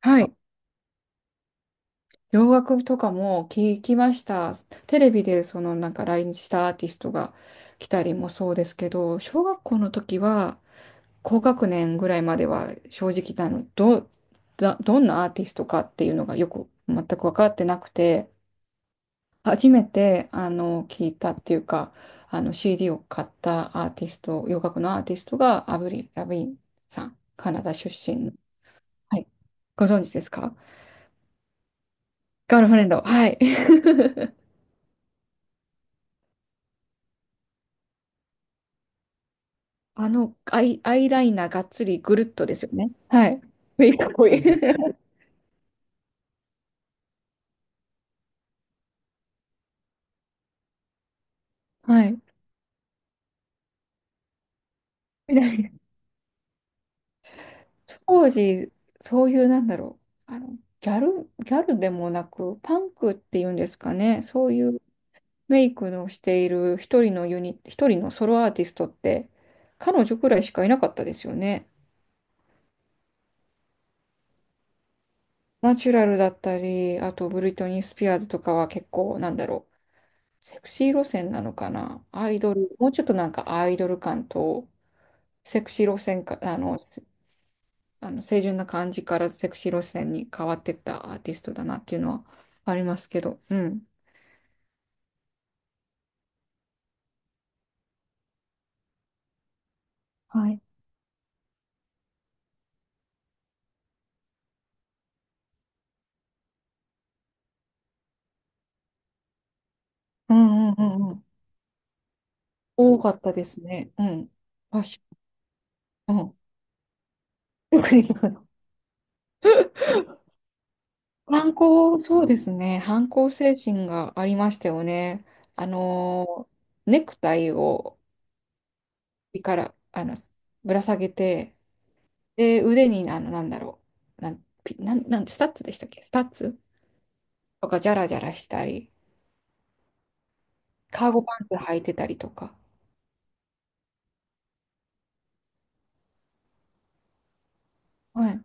はい。洋楽とかも聞きました。テレビで来日したアーティストが来たりもそうですけど、小学校の時は高学年ぐらいまでは正直なの、ど、だ、どんなアーティストかっていうのがよく全く分かってなくて、初めて聞いたっていうか、あの CD を買ったアーティスト、洋楽のアーティストがアブリル、ラビーンさん、カナダ出身の。はい、ご存知ですか？ガールフレンド。はい。アイライナーがっつりぐるっとですよね。はい。メイクっぽい。はい。みたいな。当時、そういう。あの、ギャルでもなく、パンクっていうんですかね。そういうメイクのしている一人のソロアーティストって、彼女くらいしかいなかったですよね。ナチュラルだったり、あとブリトニー・スピアーズとかは結構。セクシー路線なのかな。アイドル、もうちょっとなんかアイドル感と、セクシー路線か、あの、せあの清純な感じからセクシー路線に変わってったアーティストだなっていうのはありますけど、うん。はい。うんうんうんうん。多かったですね。うん。ファッション。うん。特にそうだそうですね。反抗精神がありましたよね。あのネクタイを首から、あの、ぶら下げて、で、腕に、あの、なんだろう。なん、ピなん、なん、スタッツでしたっけ、スタッツとか、じゃらじゃらしたり。カーゴパンツ履いてたりとか。はい。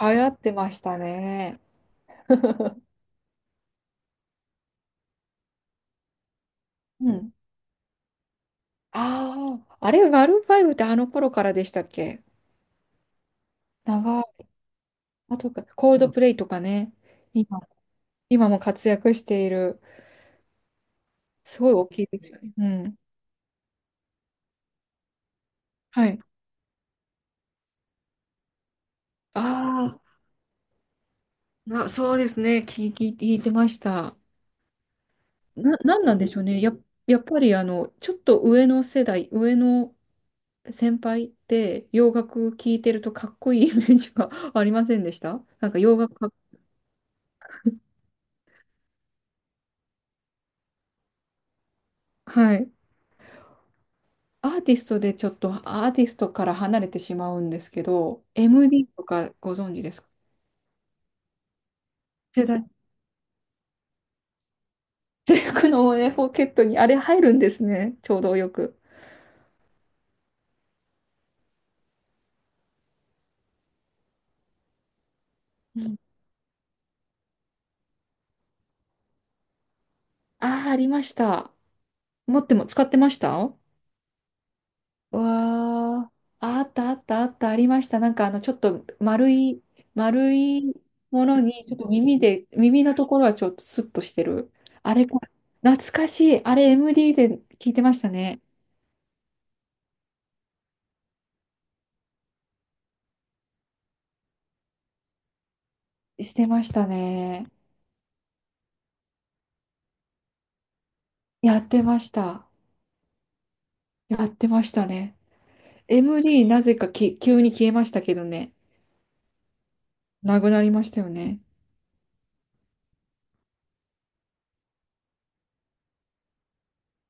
流行ってましたね。うん。ああ、あれ、マルーンファイブってあの頃からでしたっけ？長い。あとか、コールドプレイとかね。今、今も活躍している。すごい大きいですよね。うん。はい。あーあ、そうですね。聞いてました。なんなんでしょうね。やっぱりあの、ちょっと上の世代、上の先輩って洋楽聴いてるとかっこいい イメージが ありませんでした？なんか洋楽か、はい。アーティストでちょっとアーティストから離れてしまうんですけどMD とかご存知ですか？手だって、服のね、ポケットにあれ入るんですね。ちょうどよく。うん。ああ、ありました。持っても使ってました。わあ、あったあったあった、ありました。なんかあの、ちょっと丸い、丸いものに、ちょっと耳で、耳のところはちょっとスッとしてる。あれか、懐かしい。あれ MD で聞いてましたね。してましたね。やってました。やってましたね。MD なぜかき急に消えましたけどね。なくなりましたよね。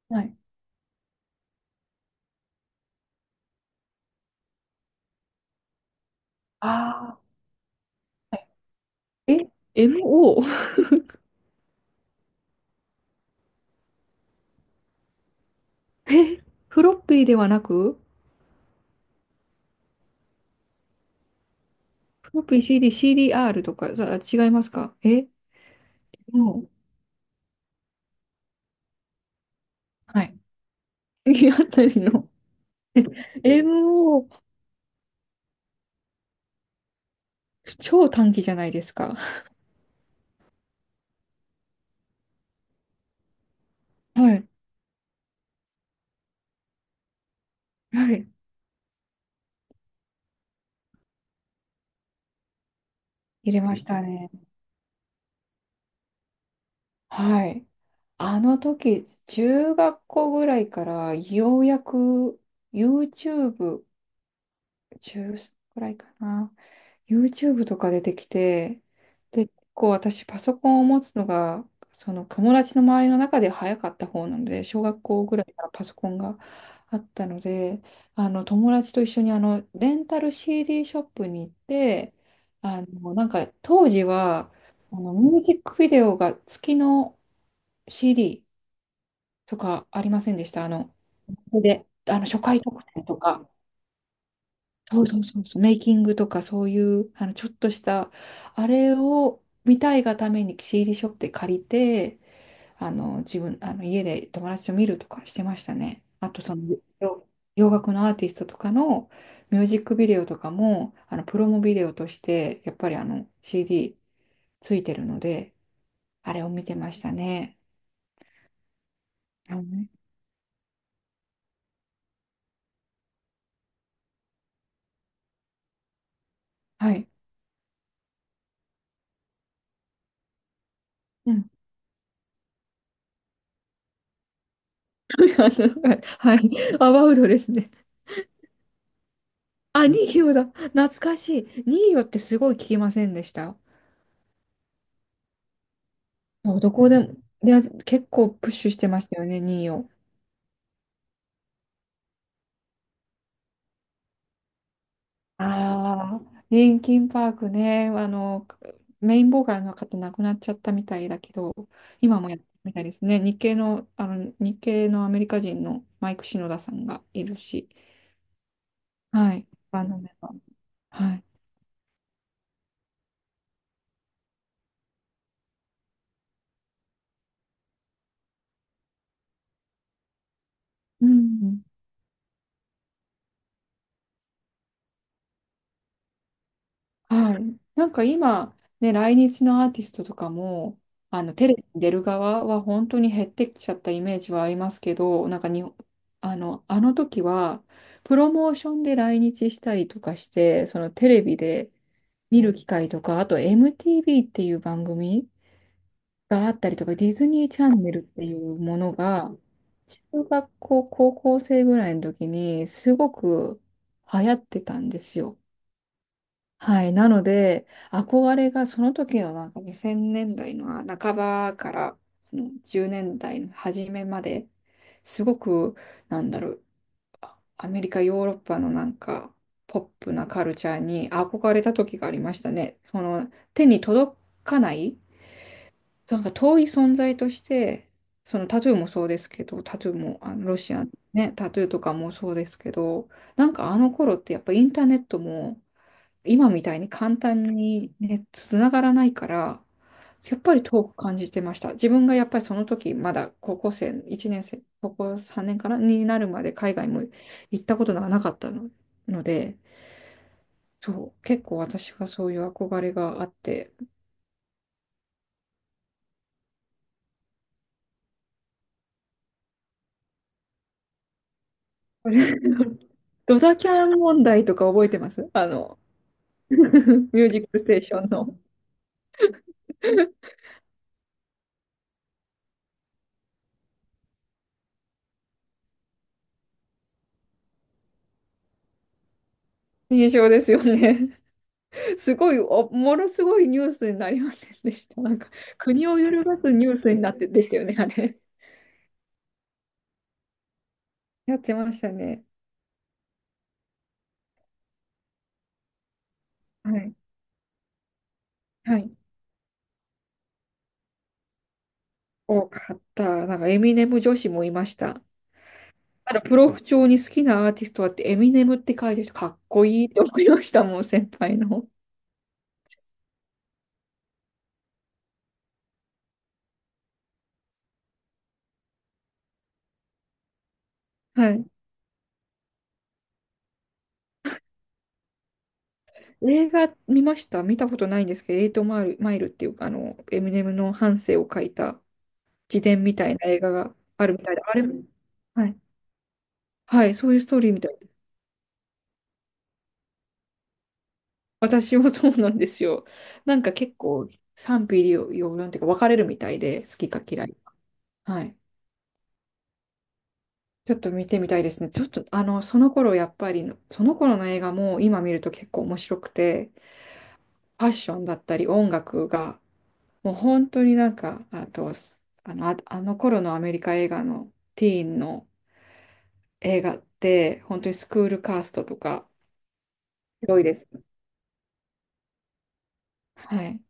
はい。ああ。え？ MO？ え、フロッピーではなく、ピー c d CDR とか、違いますか？えもう、はい。次あたりの MO、超短期じゃないですか。はい。はい。入れましたね。はい。あの時、中学校ぐらいから、ようやく YouTube、中3ぐらいかな。YouTube とか出てきて、で、結構私パソコンを持つのが、その友達の周りの中で早かった方なので、小学校ぐらいからパソコンがあったので、あの友達と一緒にあのレンタル CD ショップに行って、あのなんか当時はあのミュージックビデオが月の CD とかありませんでした？あの、で、あの初回特典とか。そうそうそうそう、メイキングとかそういう、あの、ちょっとした、あれを見たいがために CD ショップで借りて、あの、あの、家で友達と見るとかしてましたね。あと、洋楽のアーティストとかのミュージックビデオとかも、あの、プロモビデオとして、やっぱりあの、CD ついてるので、あれを見てましたね。あのね、はい。うん。あの、はい。アバウトですね。あ、ニーヨだ。懐かしい。ニーヨってすごい聞きませんでした？そうどこでも、いや、結構プッシュしてましたよね、ニーヨ。ああ、リンキンパークね、あの、メインボーカルの方亡くなっちゃったみたいだけど、今もやってるみたいですね。日系の、あの、日系のアメリカ人のマイク・シノダさんがいるし、はい。バンドメンバー。はい。うん。はい。なんか今、ね、来日のアーティストとかも、あの、テレビに出る側は本当に減ってきちゃったイメージはありますけど、なんかに、あの、あの時は、プロモーションで来日したりとかして、そのテレビで見る機会とか、あと MTV っていう番組があったりとか、ディズニーチャンネルっていうものが、中学校、高校生ぐらいの時にすごく流行ってたんですよ。はい。なので、憧れがその時のなんか2000年代の半ばからその10年代の初めまで、すごく、なんだろう、アメリカ、ヨーロッパのなんか、ポップなカルチャーに憧れた時がありましたね。その、手に届かない、なんか遠い存在として、そのタトゥーもそうですけど、タトゥーも、あのロシアンね、タトゥーとかもそうですけど、なんかあの頃ってやっぱインターネットも、今みたいに簡単にね、つながらないから、やっぱり遠く感じてました。自分がやっぱりその時、まだ高校生、1年生、高校3年かなになるまで海外も行ったことがなかったので、そう、結構私はそういう憧れがあって。ドタキャン問題とか覚えてます？あの、ミュージックステーションの。 印象ですよね。すごい、ものすごいニュースになりませんでした？なんか、国を揺るがすニュースになってでしたよね、あれ。やってましたね。はい。はい。多かった。なんか、エミネム女子もいました。あの、プロフ帳に好きなアーティストはって、エミネムって書いてる人、かっこいいって思いましたもん、先輩の。はい。映画見ました、見たことないんですけど、エイトマイル、マイルっていうか、あの、エミネムの半生を書いた自伝みたいな映画があるみたいで、あれも、はい。はい、そういうストーリーみたい。私もそうなんですよ。なんか結構賛否両論というか分かれるみたいで、好きか嫌い。はい。ちょっと見てみたいですね。ちょっとあの、その頃やっぱり、その頃の映画も今見ると結構面白くて、ファッションだったり音楽が、もう本当になんか、あと、あの、あの頃のアメリカ映画のティーンの映画って、本当にスクールカーストとか、ひどいです。はい。